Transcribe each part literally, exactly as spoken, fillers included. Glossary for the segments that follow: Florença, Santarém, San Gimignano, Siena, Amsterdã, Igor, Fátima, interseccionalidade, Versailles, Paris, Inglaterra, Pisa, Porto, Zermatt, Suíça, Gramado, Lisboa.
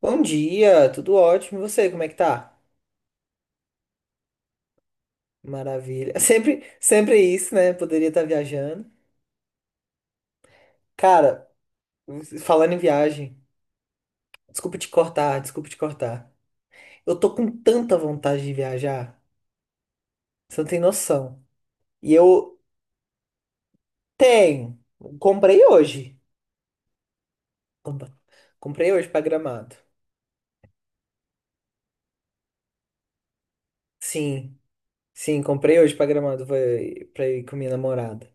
Bom dia, tudo ótimo. E você, como é que tá? Maravilha. Sempre, sempre é isso, né? Poderia estar viajando. Cara, falando em viagem, desculpa te cortar, desculpa te cortar. Eu tô com tanta vontade de viajar, você não tem noção. E eu tenho. Comprei hoje. Compa- Comprei hoje pra Gramado. Sim, sim, comprei hoje pra Gramado vai- pra ir com minha namorada.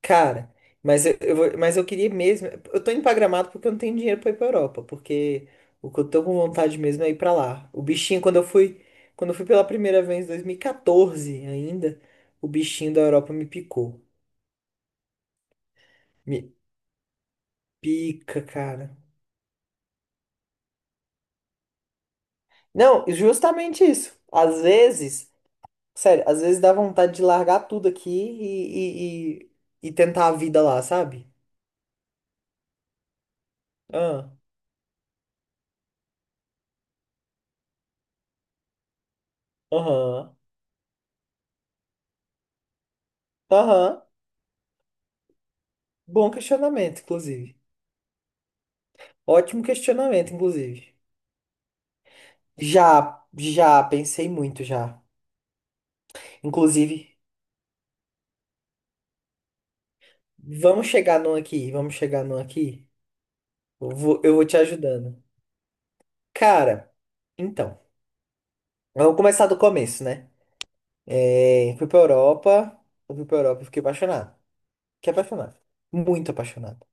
Cara, mas eu, eu vou- mas eu queria mesmo. Eu tô indo pra Gramado porque eu não tenho dinheiro pra ir pra Europa. Porque o que eu tô com vontade mesmo é ir pra lá. O bichinho, quando eu fui, quando eu fui pela primeira vez em dois mil e quatorze ainda, o bichinho da Europa me picou. Me pica, cara. Não, justamente isso. Às vezes, sério, às vezes dá vontade de largar tudo aqui e, e, e, e tentar a vida lá, sabe? Ah, Aham, aham. Bom questionamento, inclusive. Ótimo questionamento, inclusive. Já, já, pensei muito já. Inclusive, vamos chegar num aqui, vamos chegar num aqui. Eu vou, eu vou te ajudando. Cara, então, vamos começar do começo, né? É, fui pra Europa, eu fui pra Europa e fiquei apaixonado. Fiquei apaixonado. Muito apaixonado.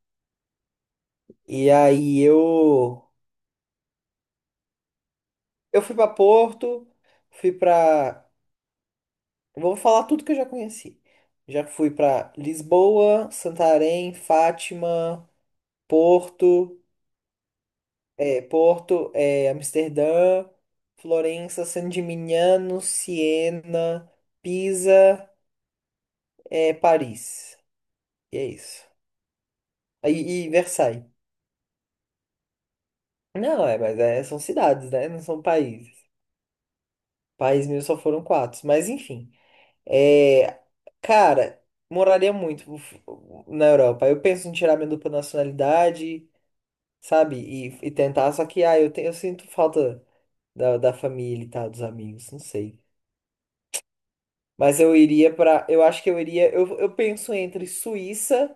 E aí eu, eu fui pra Porto, fui pra... Vou falar tudo que eu já conheci. Já fui pra Lisboa, Santarém, Fátima... Porto, é, Porto, é, Amsterdã, Florença, San Gimignano, Siena, Pisa, é, Paris. E é isso. E, e Versailles. Não, é, mas é, são cidades, né? Não são países. País meu só foram quatro. Mas enfim. É, cara, moraria muito f- na Europa. Eu penso em tirar minha dupla nacionalidade, sabe? E, e tentar. Só que, ah, eu, te- eu sinto falta da, da família e tal, dos amigos. Não sei. Mas eu iria pra. Eu acho que eu iria. Eu, eu penso entre Suíça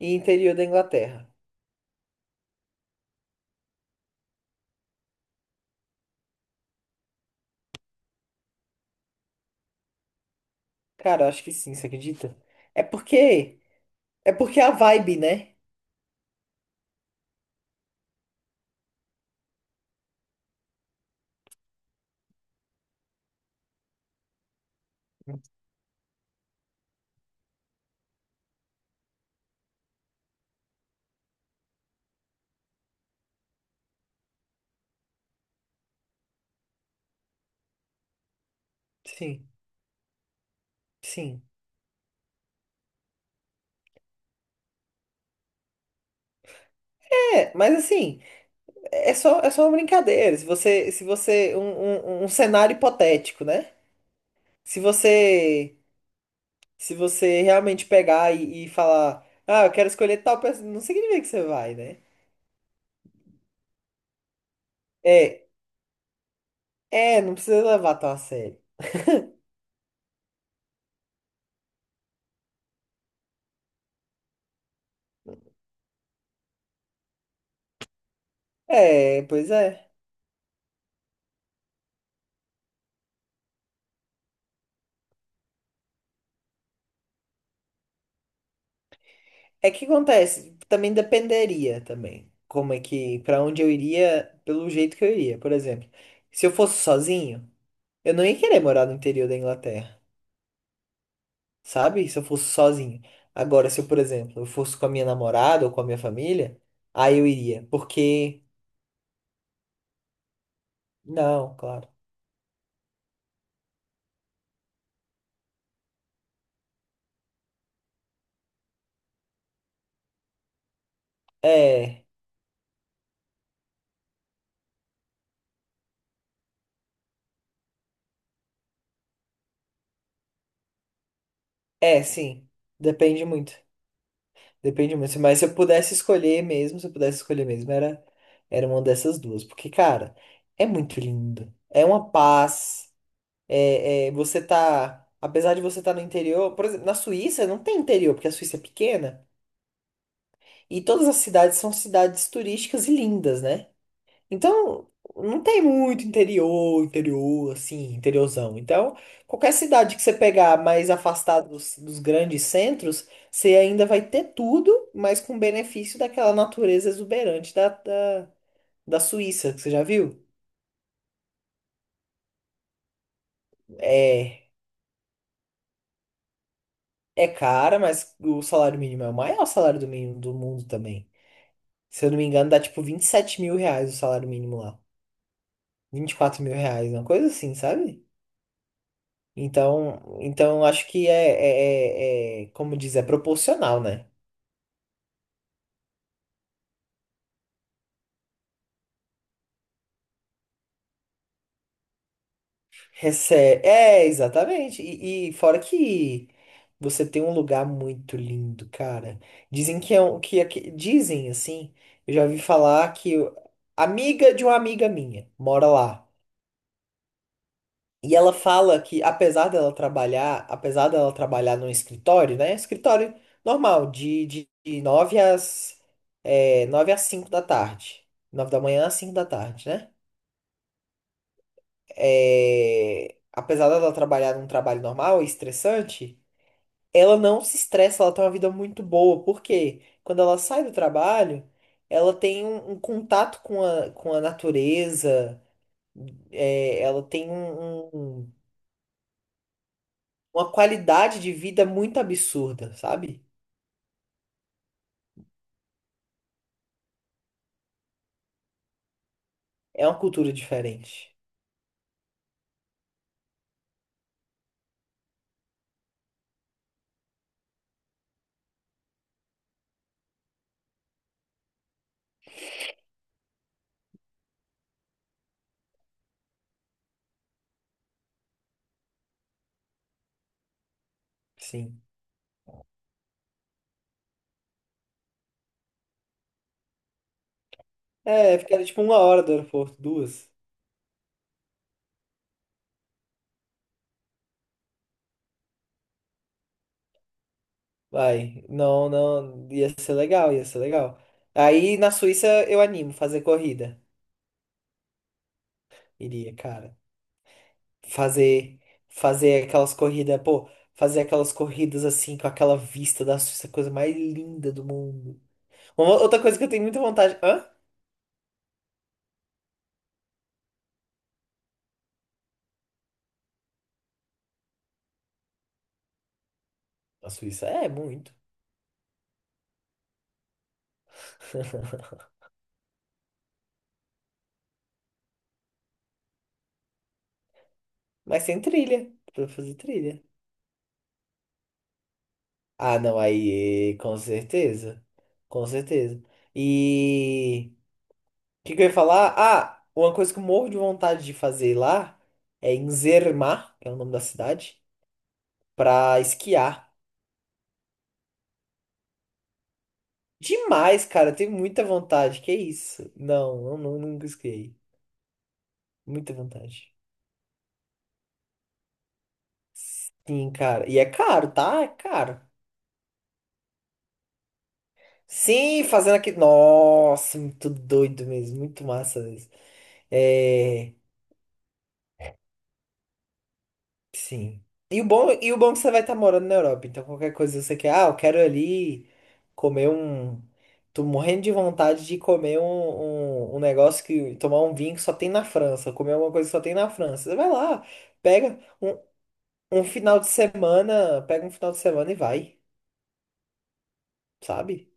e interior da Inglaterra. Cara, eu acho que sim, você acredita? É porque. É porque é a vibe, né? Sim, sim. É, mas assim, é só, é só uma brincadeira. Se você. Se você. Um, um, um cenário hipotético, né? Se você. Se você realmente pegar e, e falar. Ah, eu quero escolher tal pessoa. Não significa que você vai, né? É. É, não precisa levar tão a sério. É, pois é. É que acontece, também dependeria também. Como é que, pra onde eu iria, pelo jeito que eu iria, por exemplo. Se eu fosse sozinho, eu não ia querer morar no interior da Inglaterra, sabe? Se eu fosse sozinho. Agora, se eu, por exemplo, eu fosse com a minha namorada ou com a minha família, aí eu iria, porque não, claro. É, é, sim. Depende muito. Depende muito, mas se eu pudesse escolher mesmo, se eu pudesse escolher mesmo, era era uma dessas duas, porque cara, é muito lindo. É uma paz. É, é, você tá, apesar de você estar no interior, por exemplo, na Suíça não tem interior, porque a Suíça é pequena, e todas as cidades são cidades turísticas e lindas, né? Então, não tem muito interior, interior, assim, interiorzão. Então, qualquer cidade que você pegar mais afastada dos, dos grandes centros, você ainda vai ter tudo, mas com benefício daquela natureza exuberante da, da, da Suíça, que você já viu? É, é cara, mas o salário mínimo é o maior salário do mínimo do mundo também. Se eu não me engano, dá tipo vinte e sete mil reais o salário mínimo lá. Vinte e quatro mil reais, uma coisa assim, sabe? Então, então eu acho que é, é, é- é, como diz, é proporcional, né? Recebe, é, exatamente. E, e fora que você tem um lugar muito lindo, cara. Dizem que é um, que, é que dizem assim, eu já ouvi falar que amiga de uma amiga minha mora lá. E ela fala que, apesar dela trabalhar, apesar dela trabalhar num escritório, né? Escritório normal, de, de, de nove às, é, nove às cinco da tarde. Nove da manhã às cinco da tarde, né? É, apesar dela trabalhar num trabalho normal e estressante, ela não se estressa, ela tem uma vida muito boa. Por quê? Quando ela sai do trabalho, ela tem um, um contato com a, com a natureza, é, ela tem um, um- uma qualidade de vida muito absurda, sabe? É uma cultura diferente. Sim. É, ficaria tipo uma hora do aeroporto, duas. Vai. Não, não. Ia ser legal, ia ser legal. Aí na Suíça eu animo fazer corrida. Iria, cara. Fazer, fazer aquelas corridas, pô, fazer aquelas corridas assim, com aquela vista da Suíça, a coisa mais linda do mundo. Uma- outra coisa que eu tenho muita vontade. Hã? A Suíça é muito. Mas tem trilha, pra fazer trilha. Ah, não, aí, eh, com certeza. Com certeza. E o que, que eu ia falar? Ah, uma coisa que eu morro de vontade de fazer lá é em Zermatt, que é o nome da cidade, pra esquiar. Demais, cara, eu tenho muita vontade. Que isso? Não, eu nu- nunca esquiei. Muita vontade. Sim, cara. E é caro, tá? É caro. Sim, fazendo aqui. Nossa, muito doido mesmo. Muito massa mesmo. É. Sim. E o bom, e o bom é que você vai estar morando na Europa, então qualquer coisa você quer, ah, eu quero ali comer um. Tô morrendo de vontade de comer um, um, um negócio que. Tomar um vinho que só tem na França, comer alguma coisa que só tem na França. Você vai lá, pega um, um final de semana, pega um final de semana e vai, sabe?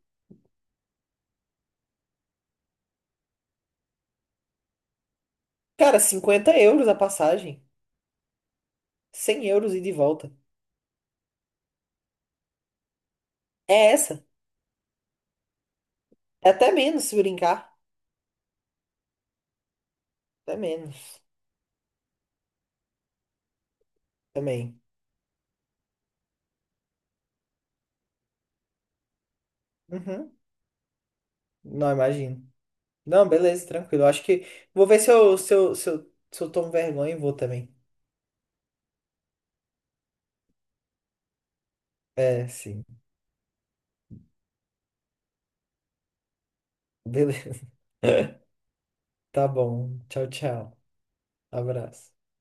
Cara, cinquenta euros a passagem, cem euros e de volta. É essa. É até menos se brincar. Até menos também. Uhum. Não imagino. Não, beleza, tranquilo. Eu acho que vou ver se eu, se eu, se eu, se eu tomo vergonha e vou também. É, sim. Beleza. Tá bom. Tchau, tchau. Abraço.